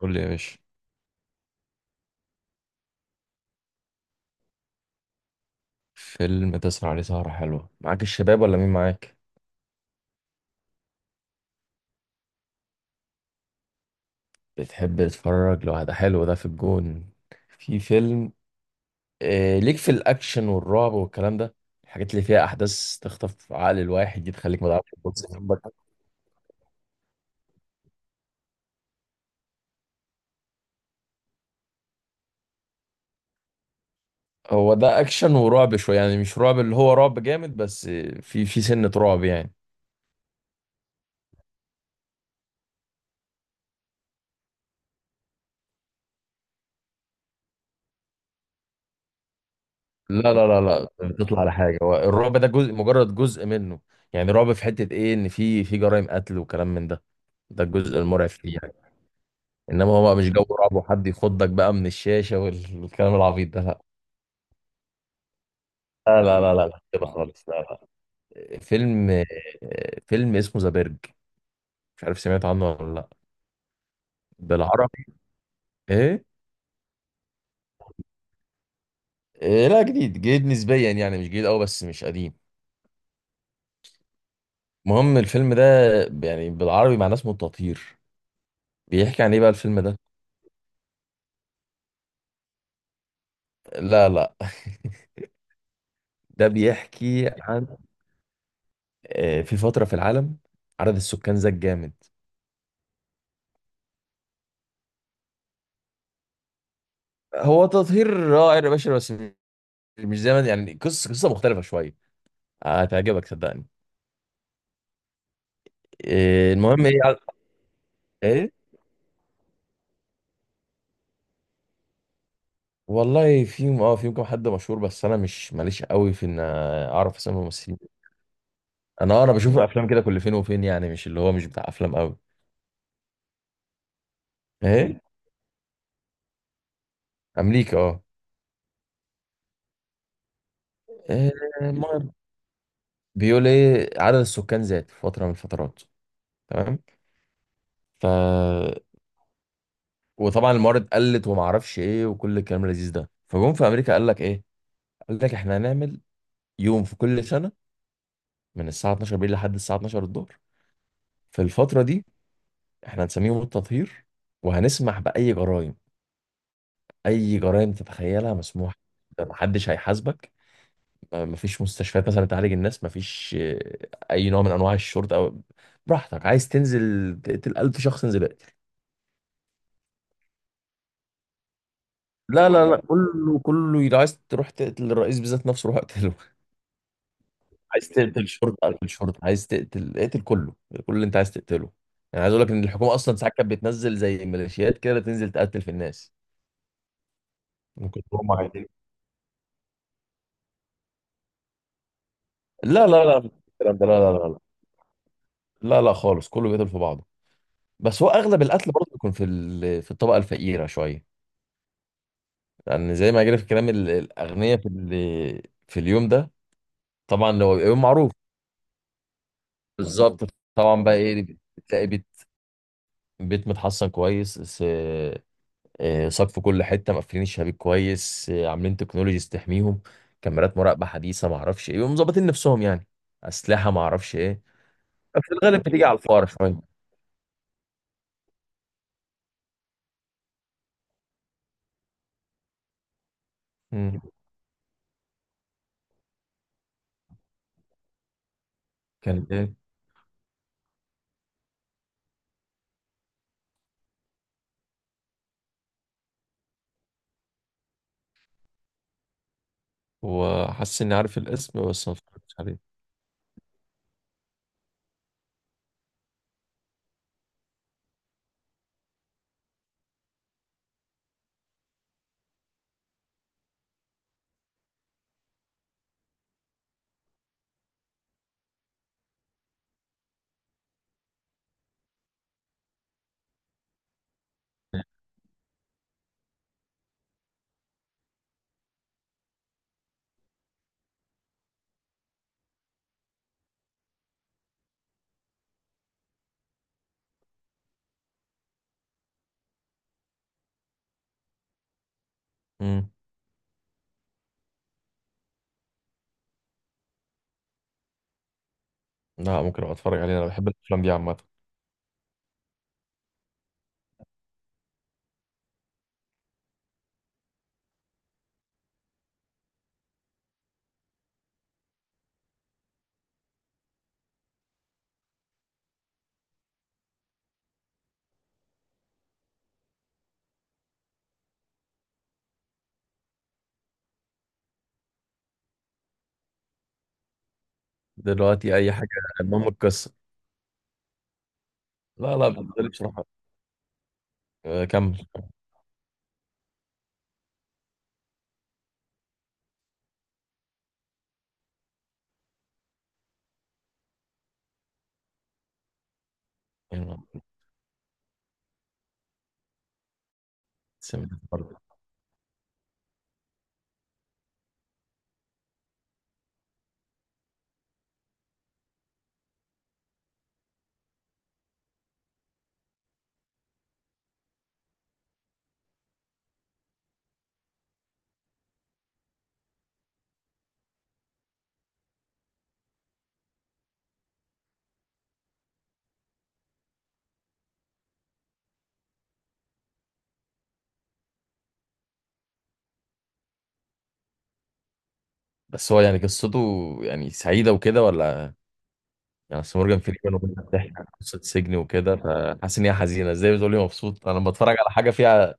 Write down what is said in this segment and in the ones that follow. قول لي يا باشا. فيلم تسهر عليه سهرة حلوة، معاك الشباب ولا مين معاك؟ بتحب تتفرج لو ده حلو، ده في الجون. في فيلم، ليك في الأكشن والرعب والكلام ده. الحاجات اللي فيها أحداث تخطف عقل الواحد دي تخليك ما تعرفش تبص جنبك. هو ده أكشن ورعب شوية، يعني مش رعب اللي هو رعب جامد، بس في سنة رعب يعني. لا لا لا لا، بتطلع على حاجة، هو الرعب ده جزء، مجرد جزء منه. يعني رعب في حتة إيه، إن في جرائم قتل وكلام من ده. ده الجزء المرعب فيه. انما هو بقى مش جو رعب وحد يخضك بقى من الشاشه والكلام العبيط ده. لا لا لا لا لا لا، كده خالص، لا لا. فيلم فيلم اسمه ذا بيرج. مش عارف سمعت عنه ولا لا. بالعربي ايه؟ لا، جديد جديد نسبيا يعني، مش جديد قوي بس مش قديم. المهم الفيلم ده، يعني بالعربي معناه اسمه التطهير. بيحكي عن ايه بقى الفيلم ده؟ لا لا. ده بيحكي عن، في فترة في العالم عدد السكان زاد جامد. هو تطهير رائع يا باشا، بس مش زي ما يعني، قصه مختلفه شويه. هتعجبك صدقني. المهم ايه، ايه والله. فيهم، اه، فيهم كام حد مشهور، بس انا مش ماليش قوي في ان اعرف اسامي الممثلين. انا، انا بشوف افلام كده كل فين وفين يعني، مش اللي هو مش بتاع افلام قوي. ايه. امريكا، اه. إيه، المهم بيقول ايه، عدد السكان زاد في فتره من الفترات. تمام. ف. وطبعا الموارد قلت وما اعرفش ايه وكل الكلام اللذيذ ده. فجم في امريكا قال لك ايه؟ قال لك احنا هنعمل يوم في كل سنه، من الساعة 12 بالليل لحد الساعة 12 الظهر. في الفترة دي احنا هنسميه يوم التطهير، وهنسمح بأي جرائم. أي جرائم تتخيلها مسموح، محدش هيحاسبك. مفيش مستشفيات مثلا تعالج الناس، مفيش أي نوع من أنواع الشرطة أو. براحتك عايز تنزل تقتل 1000 شخص، انزل اقتل. لا لا لا والله، كله كله، لو عايز تروح تقتل الرئيس بالذات نفسه، روح اقتله. عايز تقتل شرطة اقتل شرطة، عايز تقتل اقتل كله، كل اللي انت عايز تقتله. يعني عايز اقول لك ان الحكومه اصلا ساعات كانت بتنزل زي ميليشيات كده، تنزل تقتل في الناس. وكنت هم عايزين. لا لا لا الكلام ده، لا لا لا لا. لا لا خالص، كله بيقتل في بعضه. بس هو اغلب القتل برضه بيكون في في الطبقه الفقيره شويه، لان زي ما جرى في الكلام، الاغنياء في في اليوم ده طبعا لو بيبقى يوم معروف. بالظبط. طبعا بقى ايه، بتلاقي بيت متحصن كويس، سقف في كل حته، مقفلين الشبابيك كويس، عاملين تكنولوجيز تحميهم، كاميرات مراقبه حديثه، ما اعرفش ايه. بيبقوا مظبطين نفسهم يعني، اسلحه، ما اعرفش ايه. في الغالب بتيجي على الفقراء شويه. مم. كانت ايه؟ وحاسس اني عارف الاسم بس ما اتفرجتش عليه. امم لا، ممكن ابقى اتفرج عليه، انا بحب الافلام دي عامه. دلوقتي اي حاجه. المهم القصه. لا لا بالنسبه لي بصراحه. كمل. أيوة، سمعت برضه. بس هو يعني قصته، يعني سعيده وكده ولا؟ يعني أصل مورجان فريمان وبنت بتحكي عن قصه سجن وكده، فحاسس ان هي حزينه، ازاي بتقول لي مبسوط انا لما بتفرج على حاجه فيها.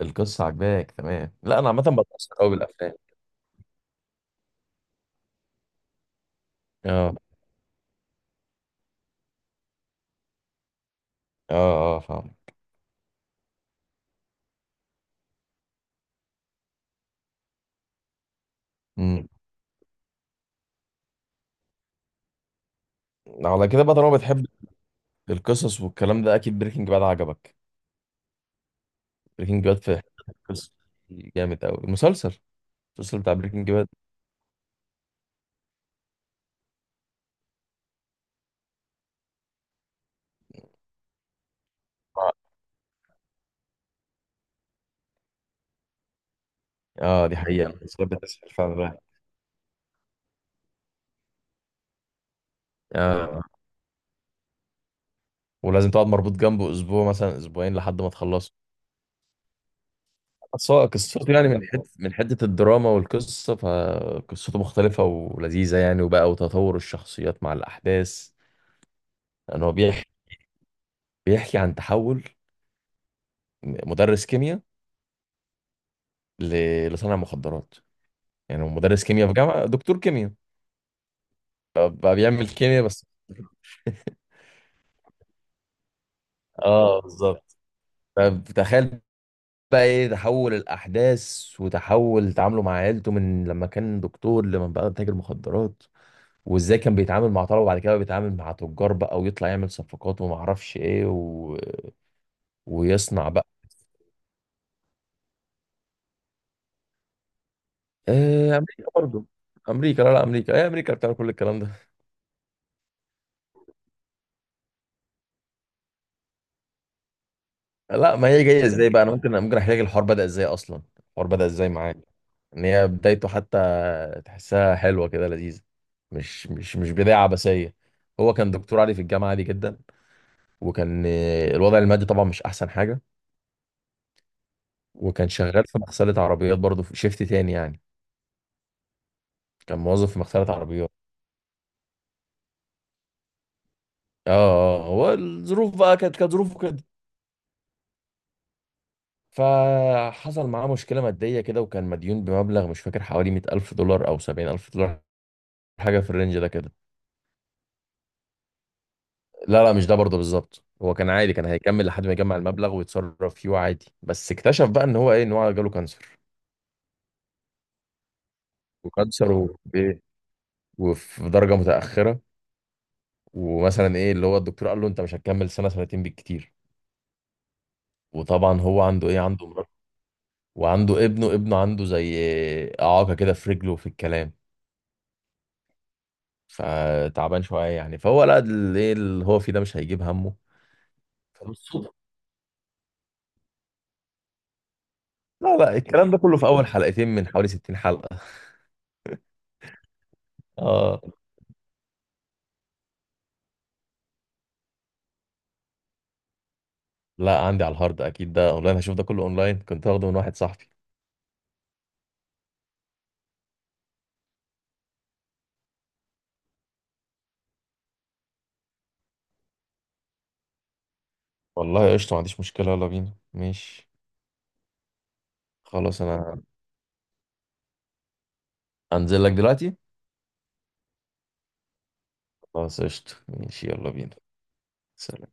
القصه عجباك تمام. لا انا عامه بتاثر قوي بالافلام. اه اه اه فاهم. امم على كده بقى، طالما بتحب القصص والكلام ده اكيد بريكنج باد عجبك. بريكنج باد في حتة القصص دي جامد قوي المسلسل. المسلسل بتاع بريكنج باد. اه، دي حقيقة، المسلسلات بتسحل فعلا الواحد. آه. ولازم تقعد مربوط جنبه اسبوع مثلا اسبوعين لحد ما تخلصه. بس هو قصته، يعني من حته الدراما والقصه، فقصته مختلفه ولذيذه يعني، وبقى وتطور الشخصيات مع الاحداث. يعني هو بيحكي عن تحول مدرس كيمياء لصانع مخدرات. يعني هو مدرس كيمياء في جامعه، دكتور كيمياء، بقى بيعمل كيمياء بس. اه بالظبط. فتخيل بقى ايه تحول الاحداث وتحول تعامله مع عيلته من لما كان دكتور لما بقى تاجر مخدرات، وازاي كان بيتعامل مع طلبه وبعد كده بقى بيتعامل مع تجار بقى، ويطلع يعمل صفقات وما اعرفش ايه، ويصنع بقى. امريكا برضه. امريكا، لا لا، امريكا، هي امريكا بتعمل كل الكلام ده. لا، ما هي جايه ازاي بقى، انا ممكن احكي لك الحوار بدأ ازاي اصلا. الحوار بدأ ازاي معاك، ان هي بدايته حتى تحسها حلوه كده لذيذه، مش بدايه عبثيه. هو كان دكتور عادي في الجامعه، عادي جدا، وكان، الوضع المادي طبعا مش احسن حاجه. وكان شغال في مغسله عربيات برضه في شيفت تاني يعني، كان موظف في مغسله عربيات. اه اه، هو الظروف بقى، كانت ظروفه كده. فحصل معاه مشكله ماديه كده، وكان مديون بمبلغ مش فاكر، حوالي 100000 دولار او 70000 دولار، حاجه في الرينج ده كده. لا لا، مش ده برضه بالظبط. هو كان عادي، كان هيكمل لحد ما يجمع المبلغ ويتصرف فيه عادي، بس اكتشف بقى ان هو ايه، ان هو جاله كانسر. وكانسر وايه، وفي درجه متاخره. ومثلا ايه اللي هو الدكتور قال له انت مش هتكمل سنه سنتين بالكتير. وطبعا هو عنده ايه، عنده مرض، وعنده ابنه، عنده زي اعاقه كده في رجله وفي الكلام، فتعبان شويه يعني. فهو لا، ايه اللي هو فيه ده مش هيجيب همه. فبالصدفه. لا لا، الكلام ده كله في اول حلقتين من حوالي 60 حلقه. اه. لا عندي على الهارد اكيد، ده اونلاين هشوف، ده كله اونلاين، كنت واخده من واحد صاحبي. والله قشطه، ما عنديش مشكله، يلا بينا، ماشي. خلاص انا هنزل لك دلوقتي. خلاص قشطة، ماشي، يلا بينا. سلام.